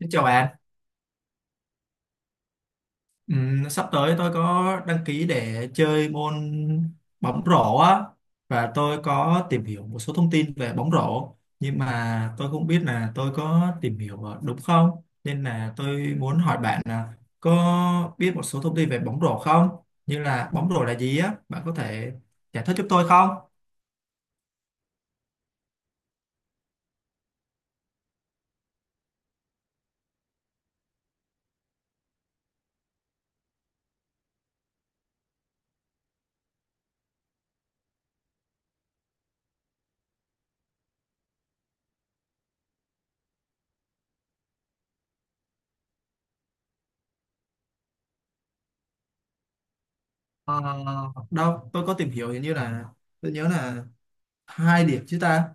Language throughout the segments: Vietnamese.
Xin chào bạn. Sắp tới tôi có đăng ký để chơi môn bóng rổ á, và tôi có tìm hiểu một số thông tin về bóng rổ, nhưng mà tôi không biết là tôi có tìm hiểu đúng không, nên là tôi muốn hỏi bạn là có biết một số thông tin về bóng rổ không, như là bóng rổ là gì á, bạn có thể giải thích giúp tôi không? Ờ, đâu tôi có tìm hiểu, hình như là tôi nhớ là hai điểm chứ ta.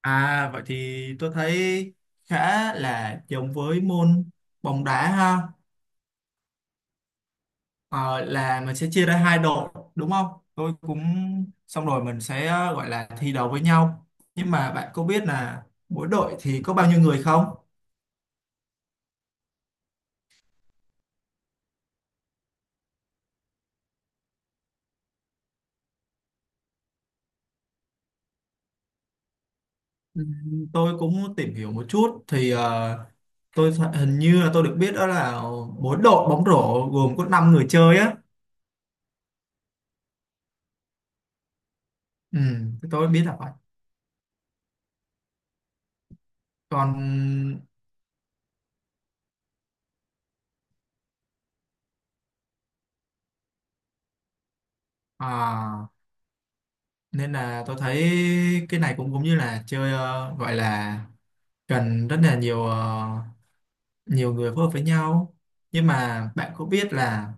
À, vậy thì tôi thấy khá là giống với môn bóng đá ha. Ờ, là mình sẽ chia ra hai đội đúng không? Tôi cũng, xong rồi mình sẽ gọi là thi đấu với nhau, nhưng mà bạn có biết là mỗi đội thì có bao nhiêu người không? Ừ, tôi cũng tìm hiểu một chút thì hình như là tôi được biết, đó là mỗi đội bóng rổ gồm có 5 người chơi á. Ừ, tôi biết là vậy. Còn à, nên là tôi thấy cái này cũng cũng như là chơi gọi là cần rất là nhiều nhiều người phối hợp với nhau, nhưng mà bạn có biết là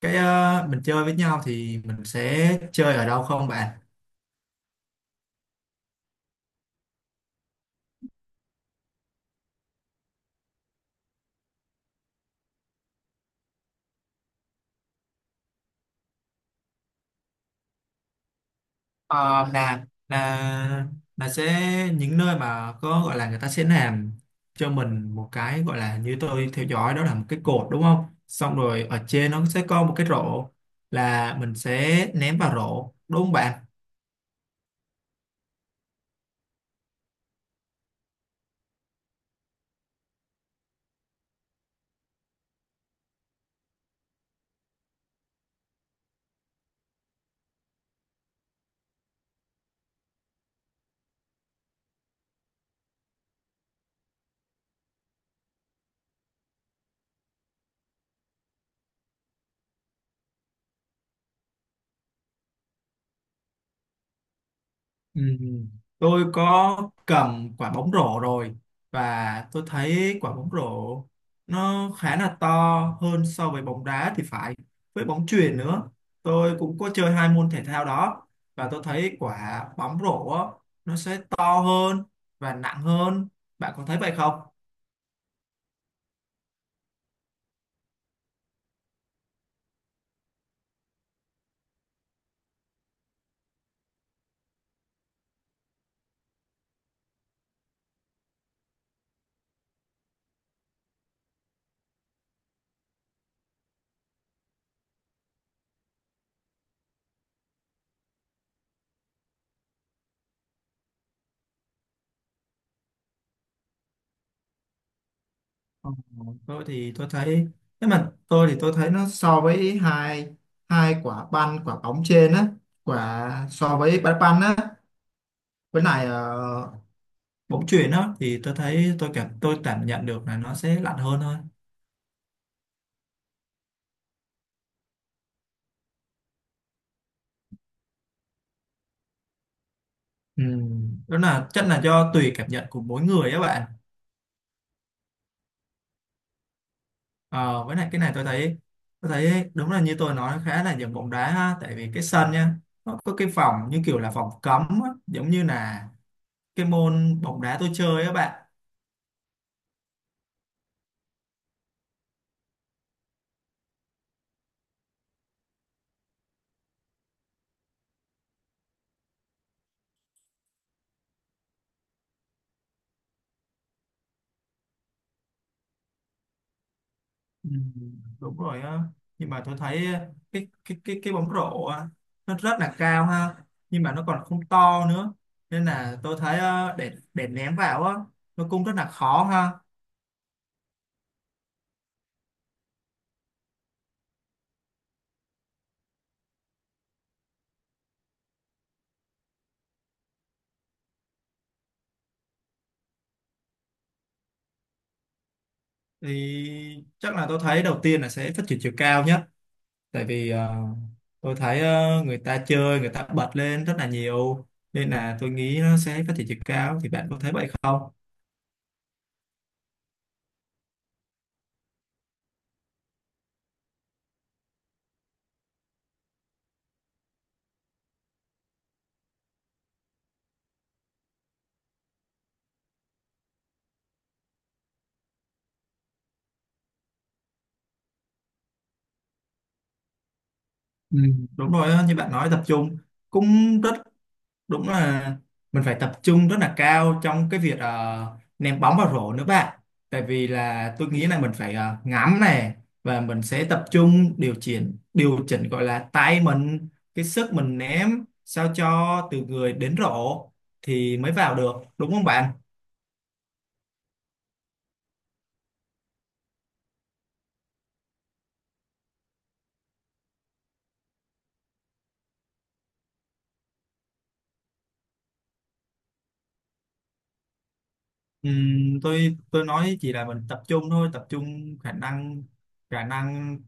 cái mình chơi với nhau thì mình sẽ chơi ở đâu không bạn? Ờ, là sẽ những nơi mà có, gọi là, người ta sẽ làm cho mình một cái, gọi là như tôi theo dõi, đó là một cái cột đúng không, xong rồi ở trên nó sẽ có một cái rổ, là mình sẽ ném vào rổ đúng không bạn? Ừ. Tôi có cầm quả bóng rổ rồi, và tôi thấy quả bóng rổ nó khá là to hơn so với bóng đá thì phải, với bóng chuyền nữa, tôi cũng có chơi hai môn thể thao đó, và tôi thấy quả bóng rổ á, nó sẽ to hơn và nặng hơn, bạn có thấy vậy không? Ờ, tôi thì tôi thấy tôi thì tôi thấy nó so với hai hai quả banh quả bóng trên á, quả so với banh banh á, với lại bóng chuyền á, thì tôi thấy tôi cảm nhận được là nó sẽ lạnh hơn thôi. Ừ, đó là chắc là do tùy cảm nhận của mỗi người á bạn. Ờ, với lại cái này tôi thấy đúng là như tôi nói, khá là giống bóng đá ha, tại vì cái sân nha, nó có cái phòng như kiểu là phòng cấm á, giống như là cái môn bóng đá tôi chơi á bạn. Ừ, đúng rồi á. Nhưng mà tôi thấy cái bóng rổ á, nó rất là cao ha, nhưng mà nó còn không to nữa, nên là tôi thấy để ném vào á, nó cũng rất là khó ha. Thì chắc là tôi thấy đầu tiên là sẽ phát triển chiều cao nhất, tại vì tôi thấy người ta chơi, người ta bật lên rất là nhiều, nên là tôi nghĩ nó sẽ phát triển chiều cao, thì bạn có thấy vậy không? Ừ, đúng rồi á, như bạn nói tập trung cũng rất, đúng là mình phải tập trung rất là cao trong cái việc ném bóng vào rổ nữa bạn, tại vì là tôi nghĩ là mình phải ngắm này, và mình sẽ tập trung, điều chỉnh gọi là tay mình, cái sức mình ném sao cho từ người đến rổ thì mới vào được, đúng không bạn? Tôi nói chỉ là mình tập trung thôi, tập trung khả năng.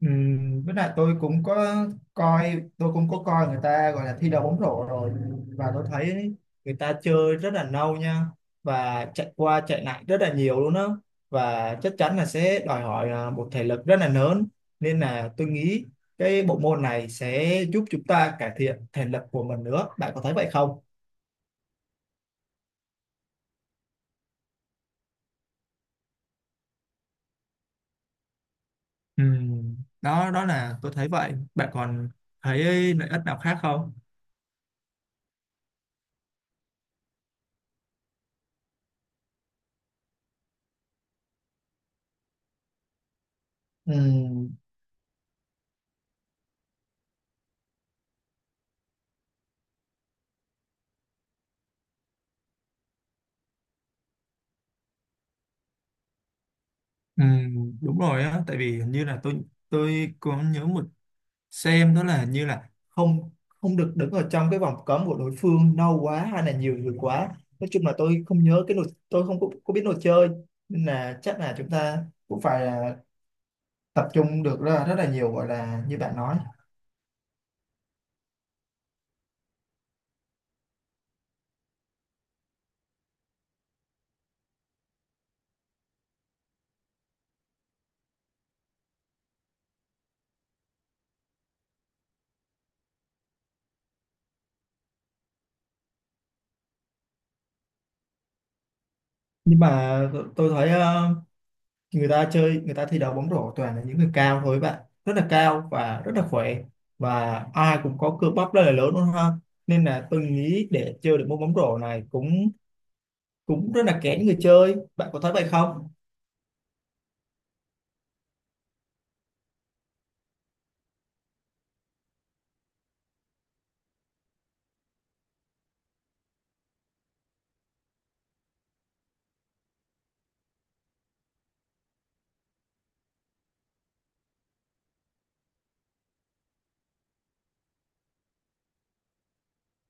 Với lại tôi cũng có coi người ta, gọi là thi đấu bóng rổ rồi, và tôi thấy người ta chơi rất là lâu nha, và chạy qua chạy lại rất là nhiều luôn á, và chắc chắn là sẽ đòi hỏi một thể lực rất là lớn, nên là tôi nghĩ cái bộ môn này sẽ giúp chúng ta cải thiện thể lực của mình nữa, bạn có thấy vậy không? Ừm, đó đó là tôi thấy vậy, bạn còn thấy lợi ích nào khác không? Ừ. Ừ, đúng rồi á, tại vì hình như là tôi có nhớ một xem, đó là hình như là không không được đứng ở trong cái vòng cấm của đối phương lâu quá hay là nhiều người quá, nói chung là tôi không nhớ cái luật, tôi không có biết luật chơi, nên là chắc là chúng ta cũng phải là tập trung được rất là nhiều, gọi là như bạn nói. Nhưng mà tôi thấy người ta thi đấu bóng rổ toàn là những người cao thôi bạn, rất là cao và rất là khỏe, và ai cũng có cơ bắp rất là lớn luôn ha, nên là tôi nghĩ để chơi được môn bóng rổ này cũng cũng rất là kén người chơi, bạn có thấy vậy không?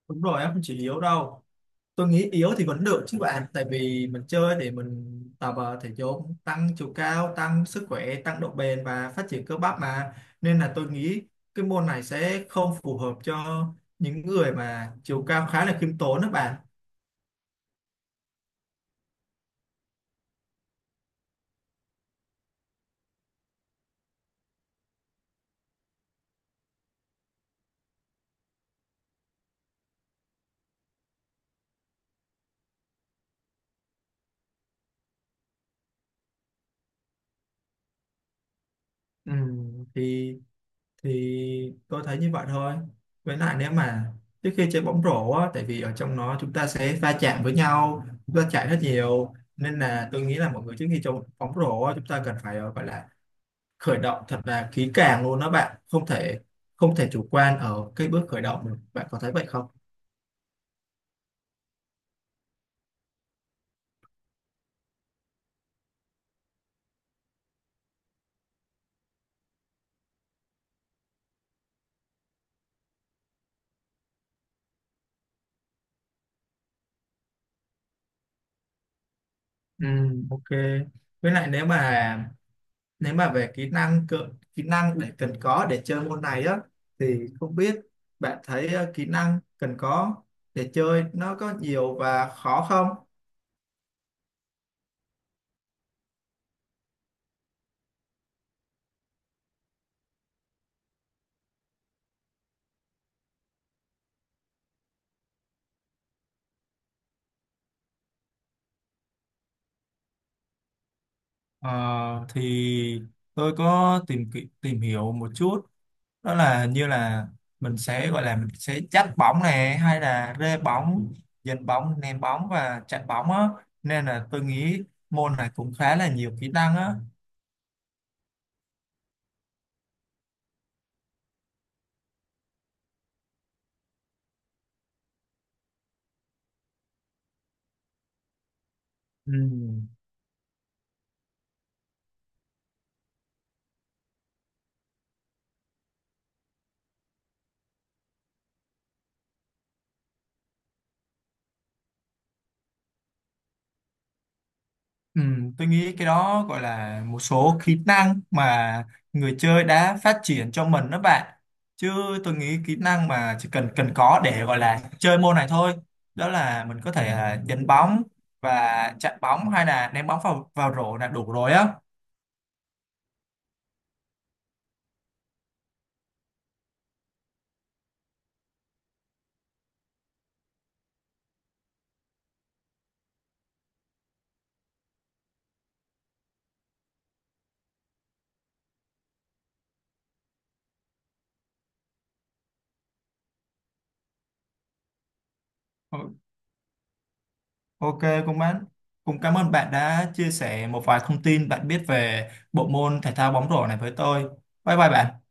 Đúng rồi, em không chỉ yếu đâu, tôi nghĩ yếu thì vẫn được chứ bạn, tại vì mình chơi để mình tập thể dục, tăng chiều cao, tăng sức khỏe, tăng độ bền và phát triển cơ bắp mà, nên là tôi nghĩ cái môn này sẽ không phù hợp cho những người mà chiều cao khá là khiêm tốn đó bạn. Ừ, thì thì tôi thấy như vậy thôi. Với lại, nếu mà trước khi chơi bóng rổ á, tại vì ở trong nó chúng ta sẽ va chạm với nhau, va chạm rất nhiều, nên là tôi nghĩ là mọi người trước khi chơi bóng rổ á, chúng ta cần phải gọi là khởi động thật là kỹ càng luôn đó bạn, không thể chủ quan ở cái bước khởi động. Bạn có thấy vậy không? Ừ, ok. Với lại, nếu mà về kỹ năng cơ, kỹ năng để cần có để chơi môn này á, thì không biết bạn thấy kỹ năng cần có để chơi nó có nhiều và khó không? Ờ, thì tôi có tìm hiểu một chút, đó là như là mình sẽ, gọi là, mình sẽ dắt bóng này, hay là rê bóng, dẫn bóng, ném bóng và chặn bóng á, nên là tôi nghĩ môn này cũng khá là nhiều kỹ năng á. Ừ. Ừ, tôi nghĩ cái đó gọi là một số kỹ năng mà người chơi đã phát triển cho mình đó bạn, chứ tôi nghĩ kỹ năng mà chỉ cần cần có để gọi là chơi môn này thôi, đó là mình có thể đánh bóng và chặn bóng, hay là ném bóng vào vào rổ là đủ rồi á. Ờ, ok, cũng bạn cũng cảm ơn bạn đã chia sẻ một vài thông tin bạn biết về bộ môn thể thao bóng rổ này với tôi. Bye bye bạn.